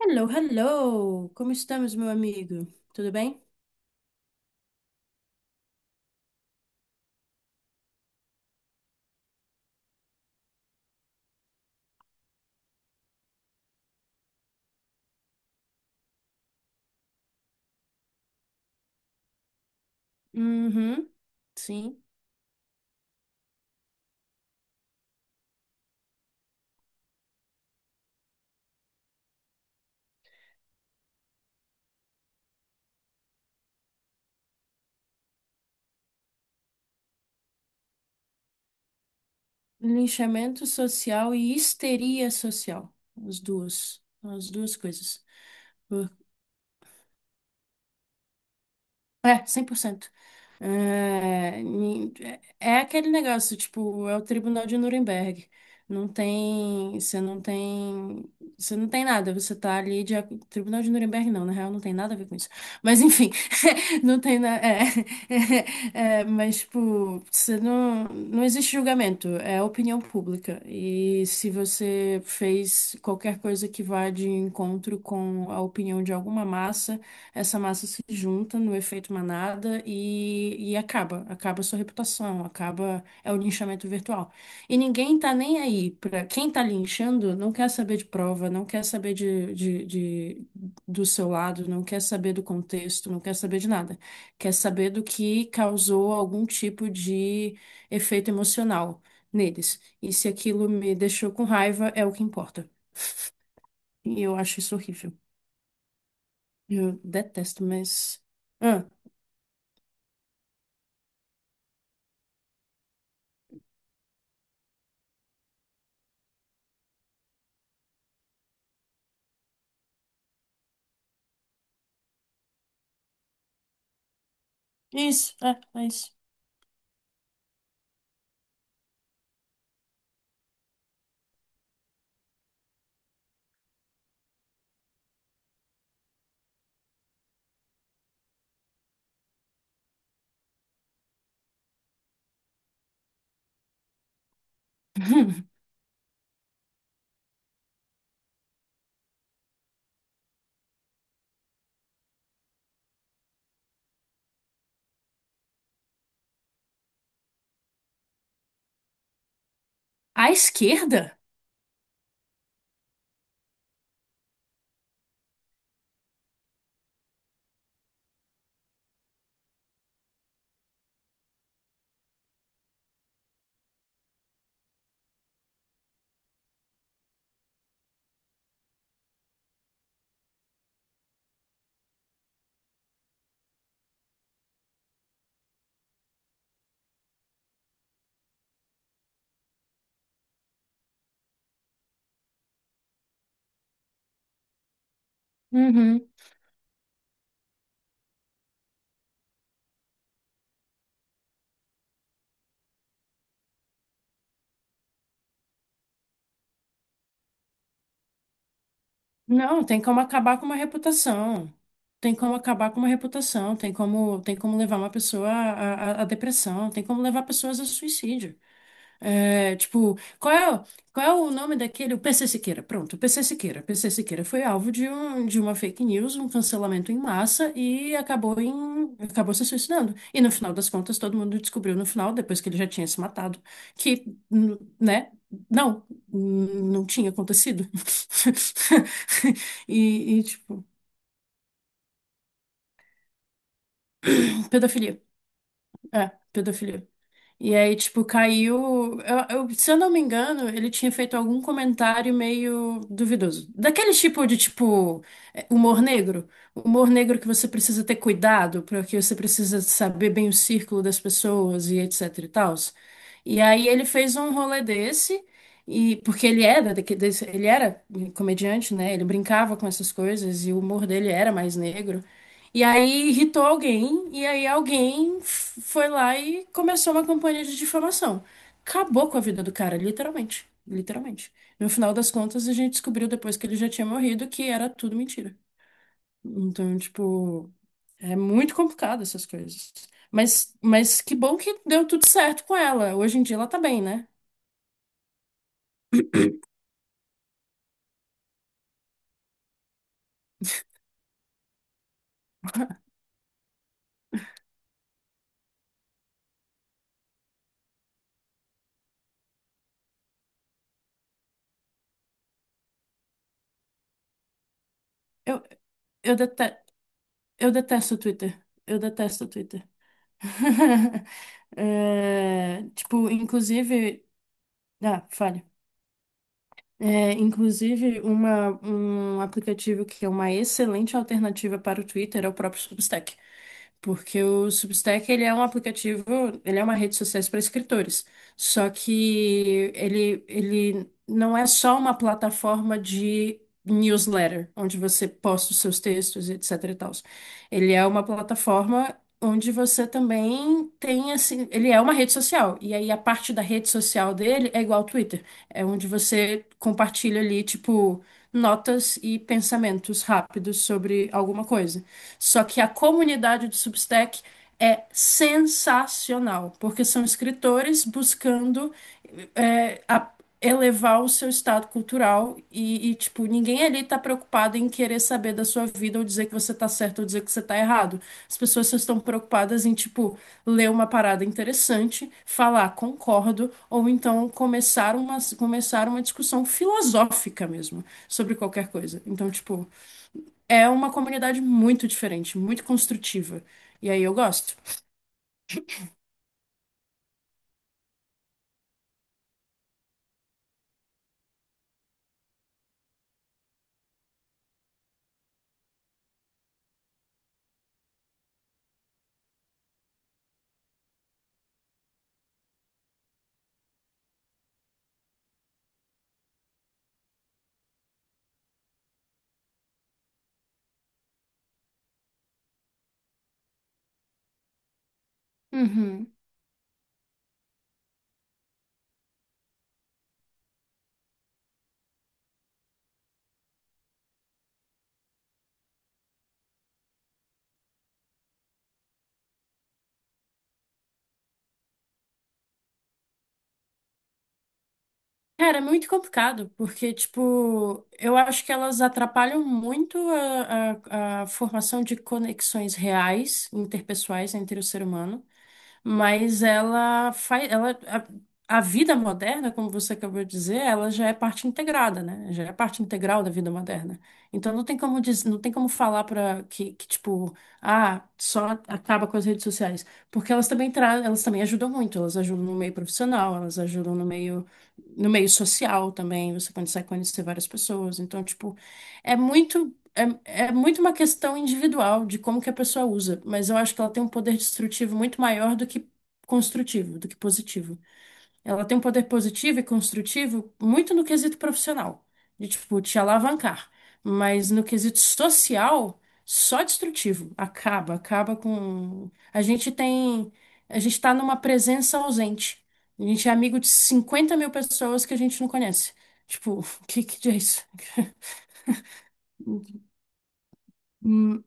Hello, hello! Como estamos, meu amigo? Tudo bem? Uhum, sim. Linchamento social e histeria social. As duas. As duas coisas. Por- É, 100%. É, ni- É aquele negócio, tipo, é o Tribunal de Nuremberg. Não tem, você não tem, você não tem nada, você tá ali Tribunal de Nuremberg não, na real não tem nada a ver com isso. Mas enfim, não tem nada, mas tipo, você não, não existe julgamento, é opinião pública. E se você fez qualquer coisa que vá de encontro com a opinião de alguma massa, essa massa se junta no efeito manada e acaba a sua reputação, acaba, é o linchamento virtual. E ninguém tá nem aí, para quem tá linchando não quer saber de prova, não quer saber do seu lado, não quer saber do contexto, não quer saber de nada. Quer saber do que causou algum tipo de efeito emocional neles. E se aquilo me deixou com raiva, é o que importa. E eu acho isso horrível. Eu detesto, mas. Isso, é isso. Hum. À esquerda? Uhum. Não, tem como acabar com uma reputação. Tem como acabar com uma reputação. Tem como levar uma pessoa à depressão. Tem como levar pessoas a suicídio. É, tipo, qual é o nome daquele? O P C Siqueira. Pronto, o P C Siqueira. P C Siqueira foi alvo de uma fake news, um cancelamento em massa e acabou se suicidando. E no final das contas, todo mundo descobriu no final, depois que ele já tinha se matado, que, né? Não, não tinha acontecido. Tipo, pedofilia. É, pedofilia. E aí, tipo, caiu. Se eu não me engano, ele tinha feito algum comentário meio duvidoso. Daquele tipo de, tipo, humor negro. Humor negro que você precisa ter cuidado, porque você precisa saber bem o círculo das pessoas e etc e tal. E aí ele fez um rolê desse, e porque ele era, ele era comediante, né? Ele brincava com essas coisas e o humor dele era mais negro. E aí irritou alguém, e aí alguém foi lá e começou uma campanha de difamação. Acabou com a vida do cara, literalmente. Literalmente. No final das contas, a gente descobriu depois que ele já tinha morrido que era tudo mentira. Então, tipo, é muito complicado essas coisas. Mas que bom que deu tudo certo com ela. Hoje em dia ela tá bem, né? Eu, eu, dete- eu detesto o Twitter. Eu detesto o Twitter. É, tipo, inclusive. Ah, fale. É, inclusive, um aplicativo que é uma excelente alternativa para o Twitter é o próprio Substack. Porque o Substack, ele é um aplicativo, ele é uma rede social para escritores. Só que ele não é só uma plataforma de newsletter, onde você posta os seus textos, etc e tals. Ele é uma plataforma onde você também tem, assim, ele é uma rede social. E aí a parte da rede social dele é igual ao Twitter. É onde você compartilha ali, tipo, notas e pensamentos rápidos sobre alguma coisa. Só que a comunidade do Substack é sensacional, porque são escritores buscando é, a- elevar o seu estado cultural e, tipo, ninguém ali tá preocupado em querer saber da sua vida ou dizer que você tá certo ou dizer que você tá errado. As pessoas só estão preocupadas em, tipo, ler uma parada interessante, falar concordo, ou então começar uma discussão filosófica mesmo sobre qualquer coisa. Então, tipo, é uma comunidade muito diferente, muito construtiva. E aí eu gosto. Uhum. Cara, é muito complicado, porque, tipo, eu acho que elas atrapalham muito a, formação de conexões reais, interpessoais entre o ser humano. Mas ela faz, a vida moderna, como você acabou de dizer, ela já é parte integrada, né? Já é parte integral da vida moderna. Então não tem não tem como falar para que, que tipo, ah, só acaba com as redes sociais, porque elas também ajudam muito, elas ajudam no meio profissional, elas ajudam no meio social também, você consegue conhecer várias pessoas. Então, tipo, é muito é, é muito uma questão individual de como que a pessoa usa, mas eu acho que ela tem um poder destrutivo muito maior do que construtivo, do que positivo. Ela tem um poder positivo e construtivo muito no quesito profissional, de tipo te alavancar, mas no quesito social, só destrutivo. Acaba com. A gente tá numa presença ausente. A gente é amigo de 50 mil pessoas que a gente não conhece. Tipo, o que que é isso? Hum,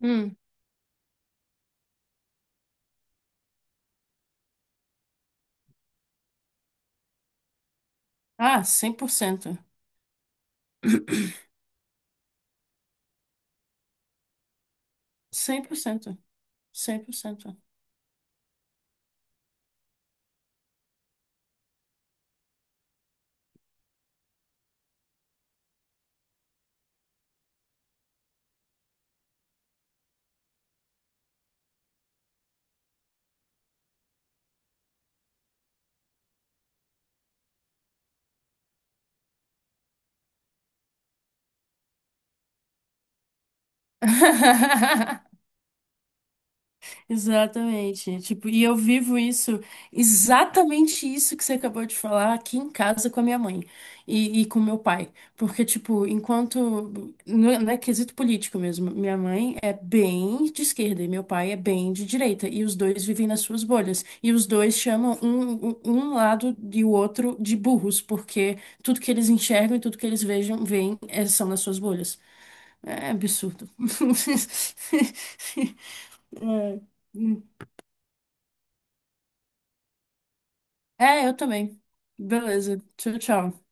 hum. Ah, cem por cento, cem por cento, cem por cento. Exatamente. Tipo, e eu vivo isso, exatamente isso que você acabou de falar aqui em casa com a minha mãe e com meu pai. Porque, tipo, enquanto. Não é quesito político mesmo. Minha mãe é bem de esquerda e meu pai é bem de direita. E os dois vivem nas suas bolhas. E os dois chamam um lado e o outro de burros, porque tudo que eles enxergam e tudo que eles veem, são nas suas bolhas. É absurdo. É. É, eu também. Beleza. Tchau, tchau.